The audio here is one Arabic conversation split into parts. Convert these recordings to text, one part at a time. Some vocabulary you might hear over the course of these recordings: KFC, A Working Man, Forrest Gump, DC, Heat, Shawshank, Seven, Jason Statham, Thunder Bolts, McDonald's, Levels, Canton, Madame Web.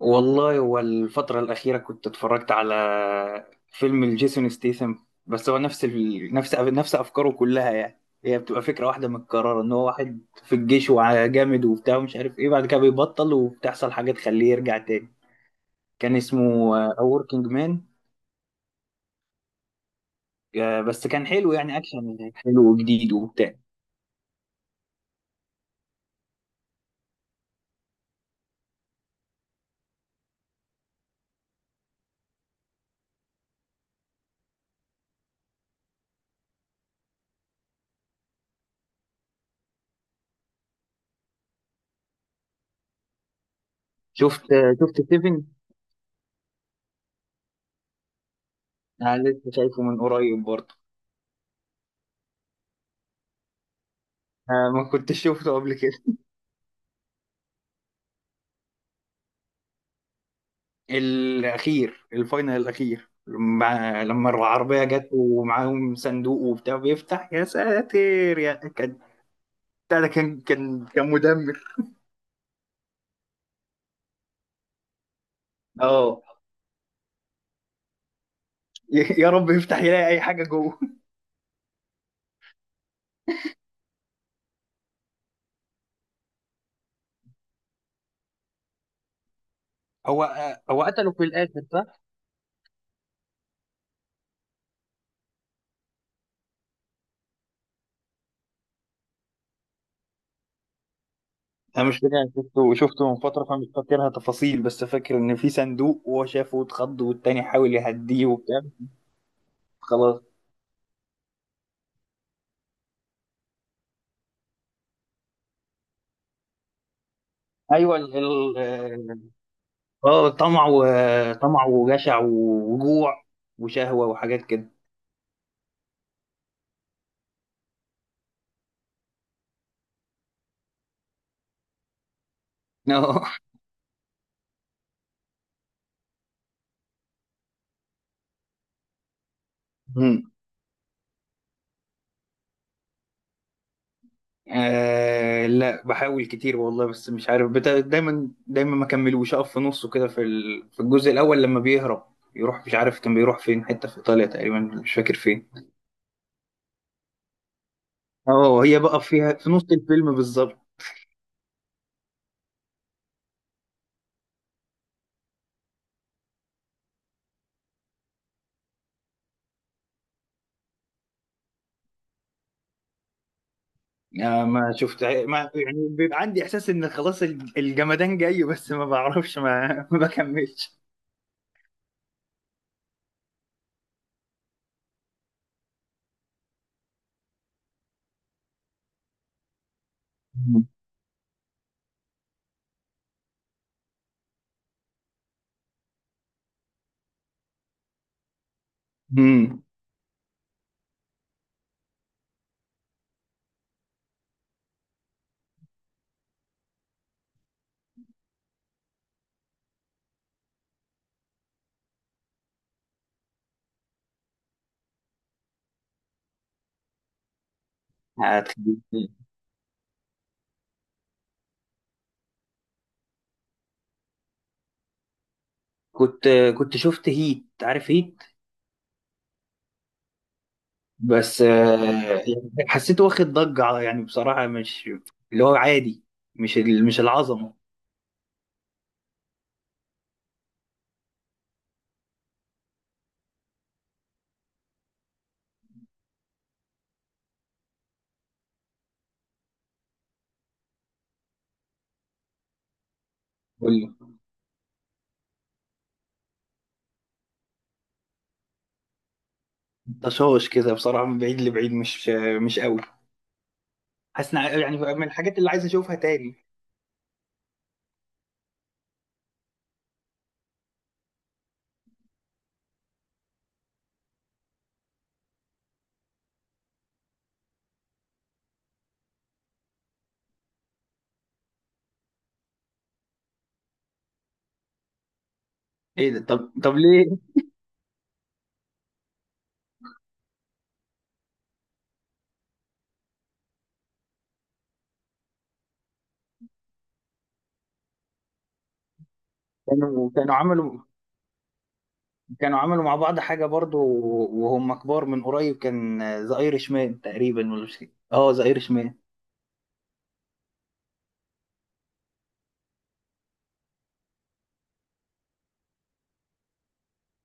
والله هو الفترة الأخيرة كنت اتفرجت على فيلم الجيسون ستيثم. بس هو نفس ال... نفس نفس أفكاره كلها، يعني هي بتبقى فكرة واحدة متكررة إن هو واحد في الجيش وجامد وبتاع ومش عارف إيه، بعد كده بيبطل وبتحصل حاجة تخليه يرجع تاني. كان اسمه A Working Man. بس كان حلو، يعني أكشن حلو وجديد وبتاع. شفت سيفن؟ أنا لسه شايفه من قريب برضه. آه، ما كنتش شفته قبل كده. الأخير الفاينل الأخير، مع لما العربية جت ومعاهم صندوق وبتاع بيفتح، يا ساتر يا كان. بتاع ده كان مدمر. اه. يا رب يفتح يلاقي أي حاجة جوه. هو هو قتله في الآخر، صح؟ أنا مش فاكر، أنا شفته من فترة فمش فاكرها تفاصيل، بس فاكر إن في صندوق وهو شافه واتخض والتاني حاول يهديه وبتاع. خلاص. ايوه اه، طمع وطمع وجشع وجوع وشهوة وحاجات كده. مم. آه، لا، بحاول كتير والله، بس مش عارف دايما دايما ما كملوش، اقف في نصه كده في الجزء الاول لما بيهرب، يروح مش عارف كان بيروح فين، حته في ايطاليا تقريبا، مش فاكر فين. اه، هي بقى فيها في نص الفيلم بالظبط. آه، ما شفت، ما يعني بيبقى عندي احساس ان خلاص الجمدان جاي، بس ما بعرفش ما ما بكملش. مم. مم. هتخليني- كنت كنت شفت هيت، عارف هيت؟ بس يعني حسيته واخد ضجة يعني، بصراحة مش اللي هو عادي، مش العظمة. والطشاش كده بصراحة، من بعيد لبعيد، مش مش قوي. حاسس يعني من الحاجات اللي عايز اشوفها تاني. ايه ده؟ طب ليه؟ كانوا كانوا عملوا كانوا عملوا مع بعض حاجة برضو، وهم كبار، من قريب، كان ذا ايرش مان تقريبا، ولا مش؟ اه، ذا ايرش مان.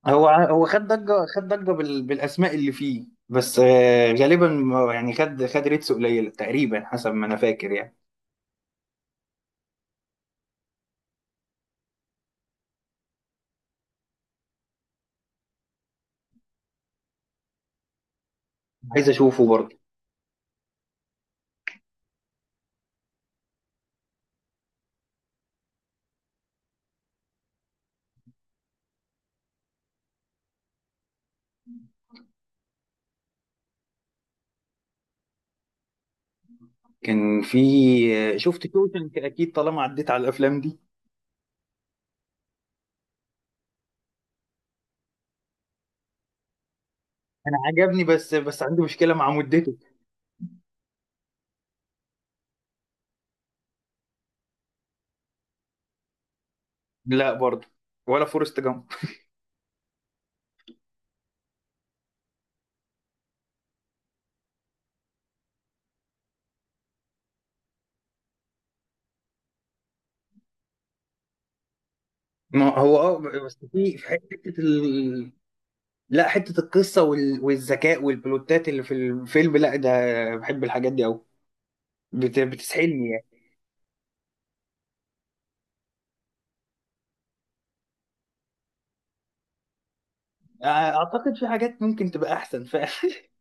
هو خد ضجة بالأسماء اللي فيه، بس غالبا يعني خد ريتس قليلة تقريبا، حسب ما أنا فاكر يعني. عايز أشوفه برضه. كان في شفت شوشنك أكيد، طالما عديت على الأفلام دي. أنا عجبني، بس عندي مشكلة مع مدته. لا برضه. ولا فورست جامب. ما هو اه، بس في حتة لا، حتة القصة والذكاء والبلوتات اللي في الفيلم، لا ده بحب الحاجات دي أوي. بتسحلني يعني. اعتقد في حاجات ممكن تبقى احسن فعلا.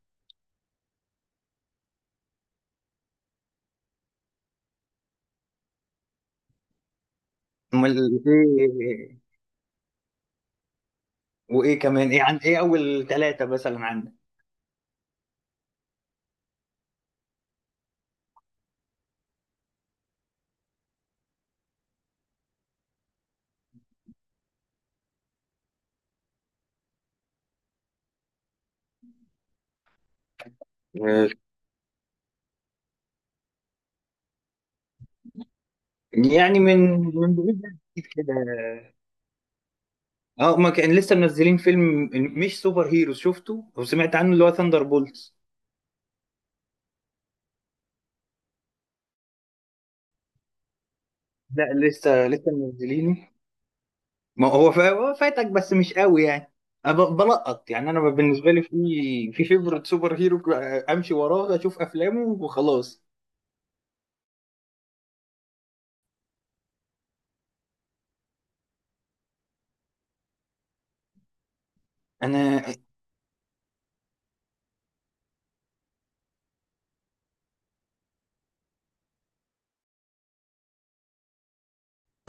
امال ايه؟ وايه كمان؟ ايه عن ايه اول ثلاثة مثلا عندك؟ آه، يعني من بعيد لأكيد كده. اه، ما كان لسه منزلين فيلم، مش سوبر هيروز شفته او سمعت عنه، اللي هو ثاندر بولتس. لا، لسه منزلينه. ما هو هو فاتك بس مش قوي يعني. انا بلقط يعني، انا بالنسبه لي في في فيفرت سوبر هيرو امشي وراه اشوف افلامه وخلاص. انا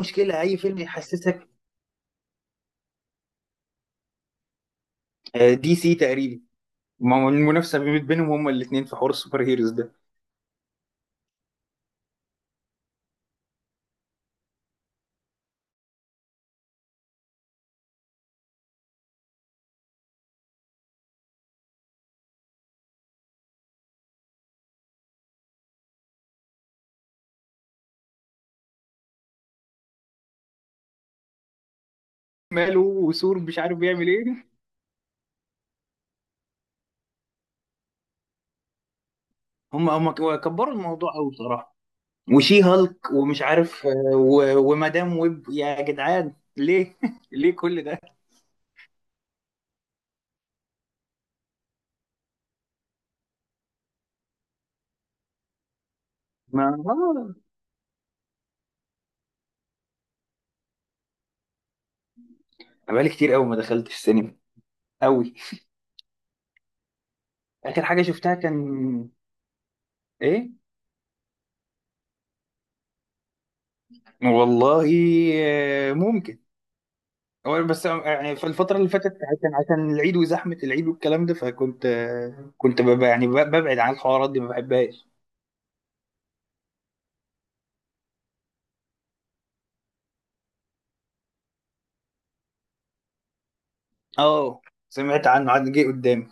مشكله اي فيلم يحسسك دي سي تقريبا، المنافسه بينهم هما الاثنين في حوار السوبر هيروز ده. ماله وثور مش عارف بيعمل ايه؟ هم كبروا الموضوع قوي بصراحه. وشي هالك ومش عارف ومدام ويب، يا جدعان ليه؟ ليه كل ده؟ ما أنا بقالي كتير قوي ما دخلتش السينما، قوي. اخر حاجه شفتها كان ايه؟ والله ممكن، هو بس يعني في الفترة اللي فاتت عشان العيد وزحمة العيد والكلام ده، فكنت آه، كنت ببقى يعني ببعد عن الحوارات دي، ما بحبهاش. اه، سمعت عنه، عاد جه قدامي.